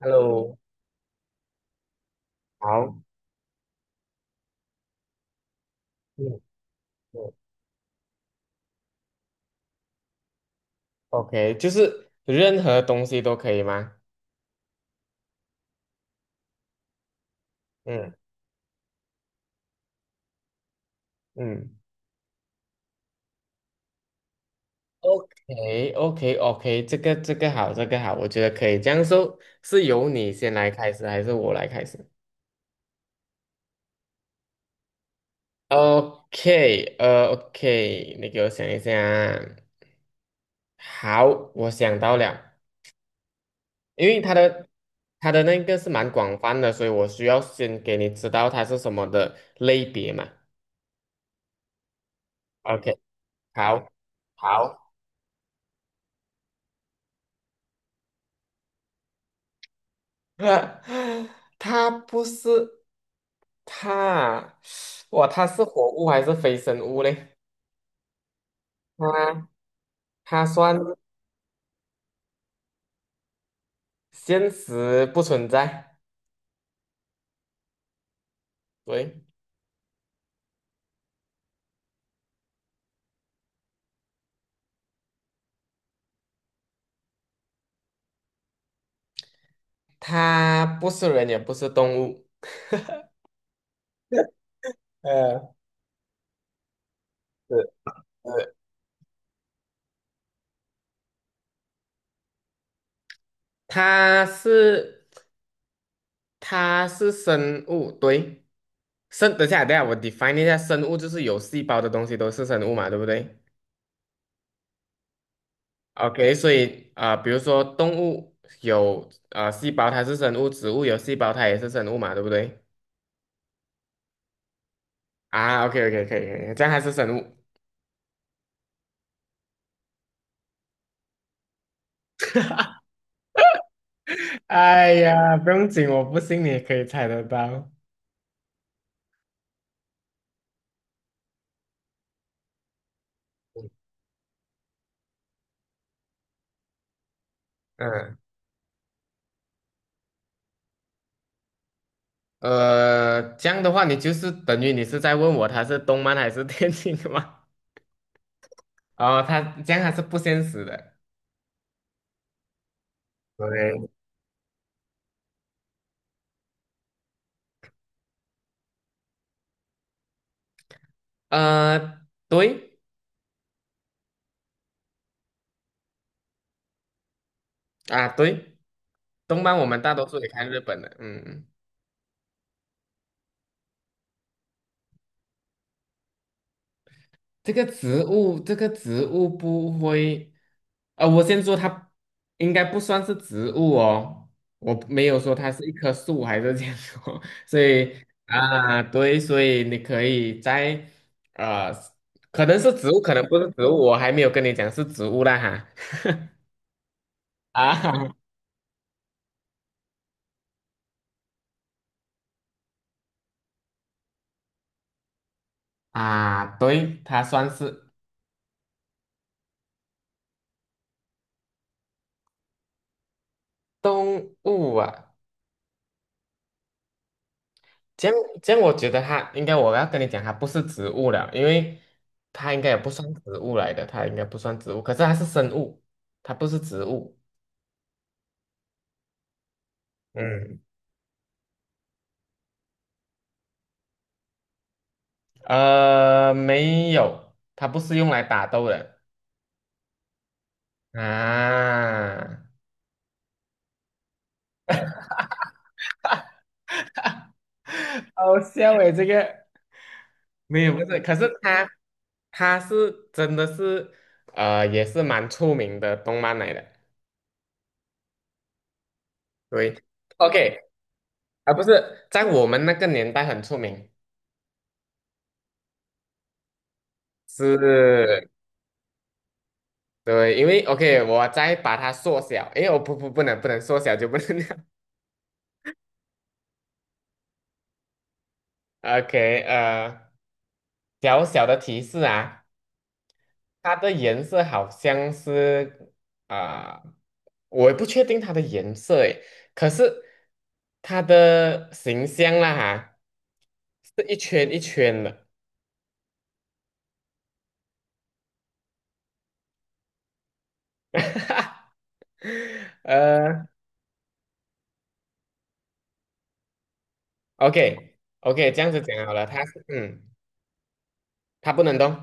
Hello，好，嗯嗯，OK，就是任何东西都可以吗？嗯嗯，o k o k o k 这个好，这个好，我觉得可以。这样说是由你先来开始，还是我来开始？OK，OK，你给我想一下啊好，我想到了，因为它的那个是蛮广泛的，所以我需要先给你知道它是什么的类别嘛。OK，好，好，它不是它啊，哇，它是活物还是非生物嘞？它它算现实不存在，对，它不是人也不是动物，呃，它是它是生物，对，生，等一下等一下，我 define 一下，生物就是有细胞的东西都是生物嘛，对不对？OK,所以啊、比如说动物有啊细胞，它是生物；植物有细胞，它也是生物嘛，对不对？啊，OK OK 可以可以，这样还是生物。哎呀，不用紧，我不信你也可以猜得到。嗯，这样的话，你就是等于你是在问我它是动漫还是电竞的吗？哦，它这样还是不现实的。对。呃，对啊，对，动漫我们大多数也看日本的。嗯，这个植物不会。啊，我先说它应该不算是植物哦，我没有说它是一棵树还是这样说，所以啊，对，所以你可以在呃，可能是植物，可能不是植物，我还没有跟你讲是植物啦哈。啊啊，对，它算是动物啊。这样这样，我觉得它应该我要跟你讲，它不是植物了，因为它应该也不算植物来的，它应该不算植物，可是它是生物，它不是植物。嗯。没有，它不是用来打斗的啊，好笑诶，这个没有，不是，可是它它是真的是也是蛮出名的动漫来的，对，OK 啊，不是在我们那个年代很出名，是，对，因为 OK,我再把它缩小，诶，我不能缩小就不能 ，OK,小小的提示啊。它的颜色好像是啊、我也不确定它的颜色诶，可是它的形象啦哈，是一圈一圈的，呃，OK OK,这样子讲好了，它是嗯，它不能动，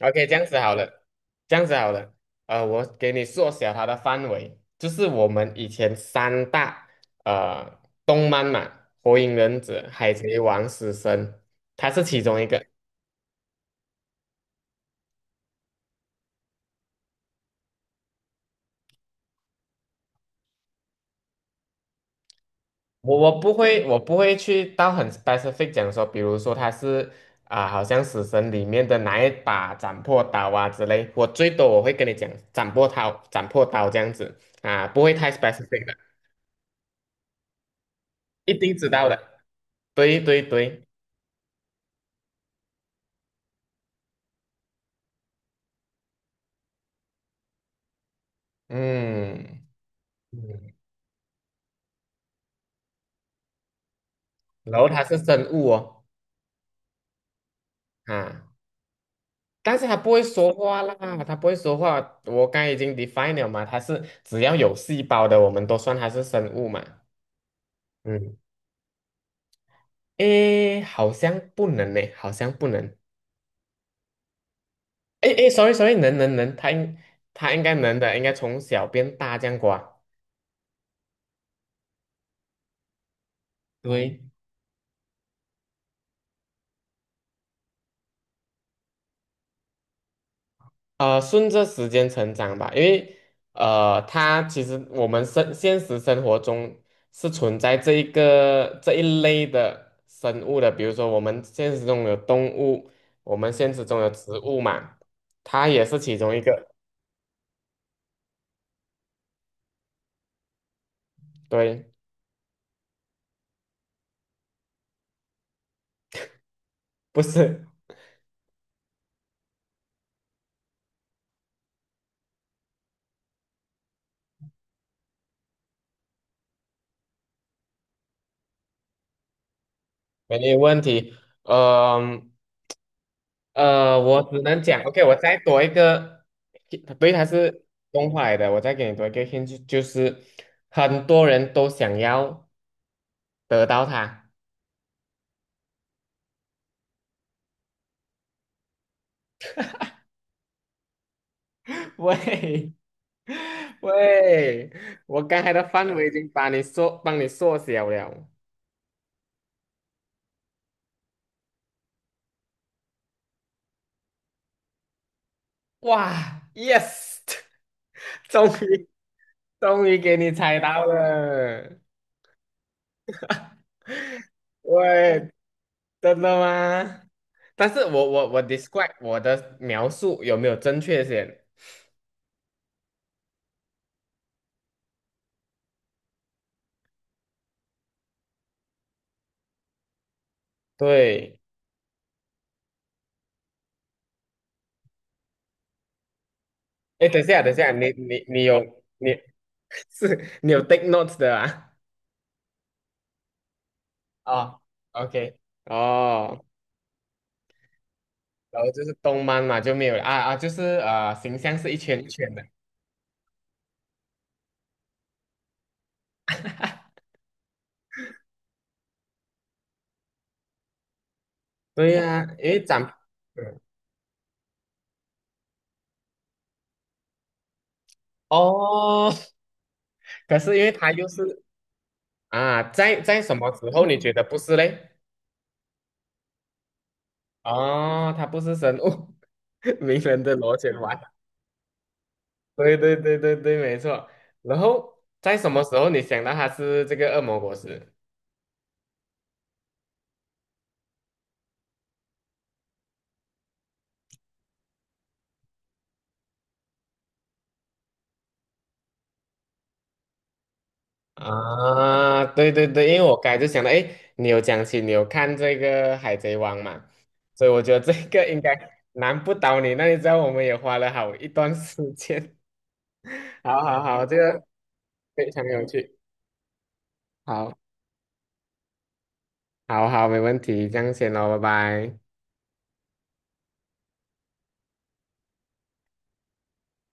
OK,这样子好了，这样子好了，我给你缩小它的范围，就是我们以前三大呃动漫嘛，《火影忍者》《海贼王》《死神》，它是其中一个。我不会，我不会去到很 specific 讲说，比如说它是啊、好像《死神》里面的哪一把斩魄刀啊之类，我最多我会跟你讲斩破刀、斩破刀这样子啊、不会太 specific 的，一定知道的。对对对，嗯。嗯，然后它是生物哦，啊，但是它不会说话啦，它不会说话。我刚才已经 define 了嘛，它是只要有细胞的，我们都算它是生物嘛。嗯，诶，好像不能呢，好像不能。诶诶，sorry sorry,能能能，它应该能的，应该从小变大这样过啊。对，顺着时间成长吧，因为它其实我们现实生活中是存在这一个这一类的生物的，比如说我们现实中有动物，我们现实中有植物嘛，它也是其中一个。对，不是，没有问题。呃我只能讲，OK,我再多一个，对，它是动画来的，我再给你多一个 hint,就是很多人都想要得到它。喂喂，我刚才的范围已经把你缩，帮你缩小了。哇，yes,终于终于给你猜到了。喂，真的吗？但是我的描述有没有正确些？对，哎，等一下等一下，你你你有你 是你有 take notes 的啊？哦，OK,哦。然后就是动漫嘛，就没有了啊啊，就是形象是一圈一圈的。对呀、因为长嗯哦，可是因为它又是啊，在什么时候你觉得不是嘞？哦，它不是生物，名人的螺旋丸。对对对对对，没错。然后在什么时候你想到它是这个恶魔果实？啊，对对对，因为我刚才就想到，哎，你有讲起你有看这个《海贼王》嘛，所以我觉得这个应该难不倒你。那你知道我们也花了好一段时间，好好好，这个非常有趣，好，好好，没问题，这样先咯，拜拜。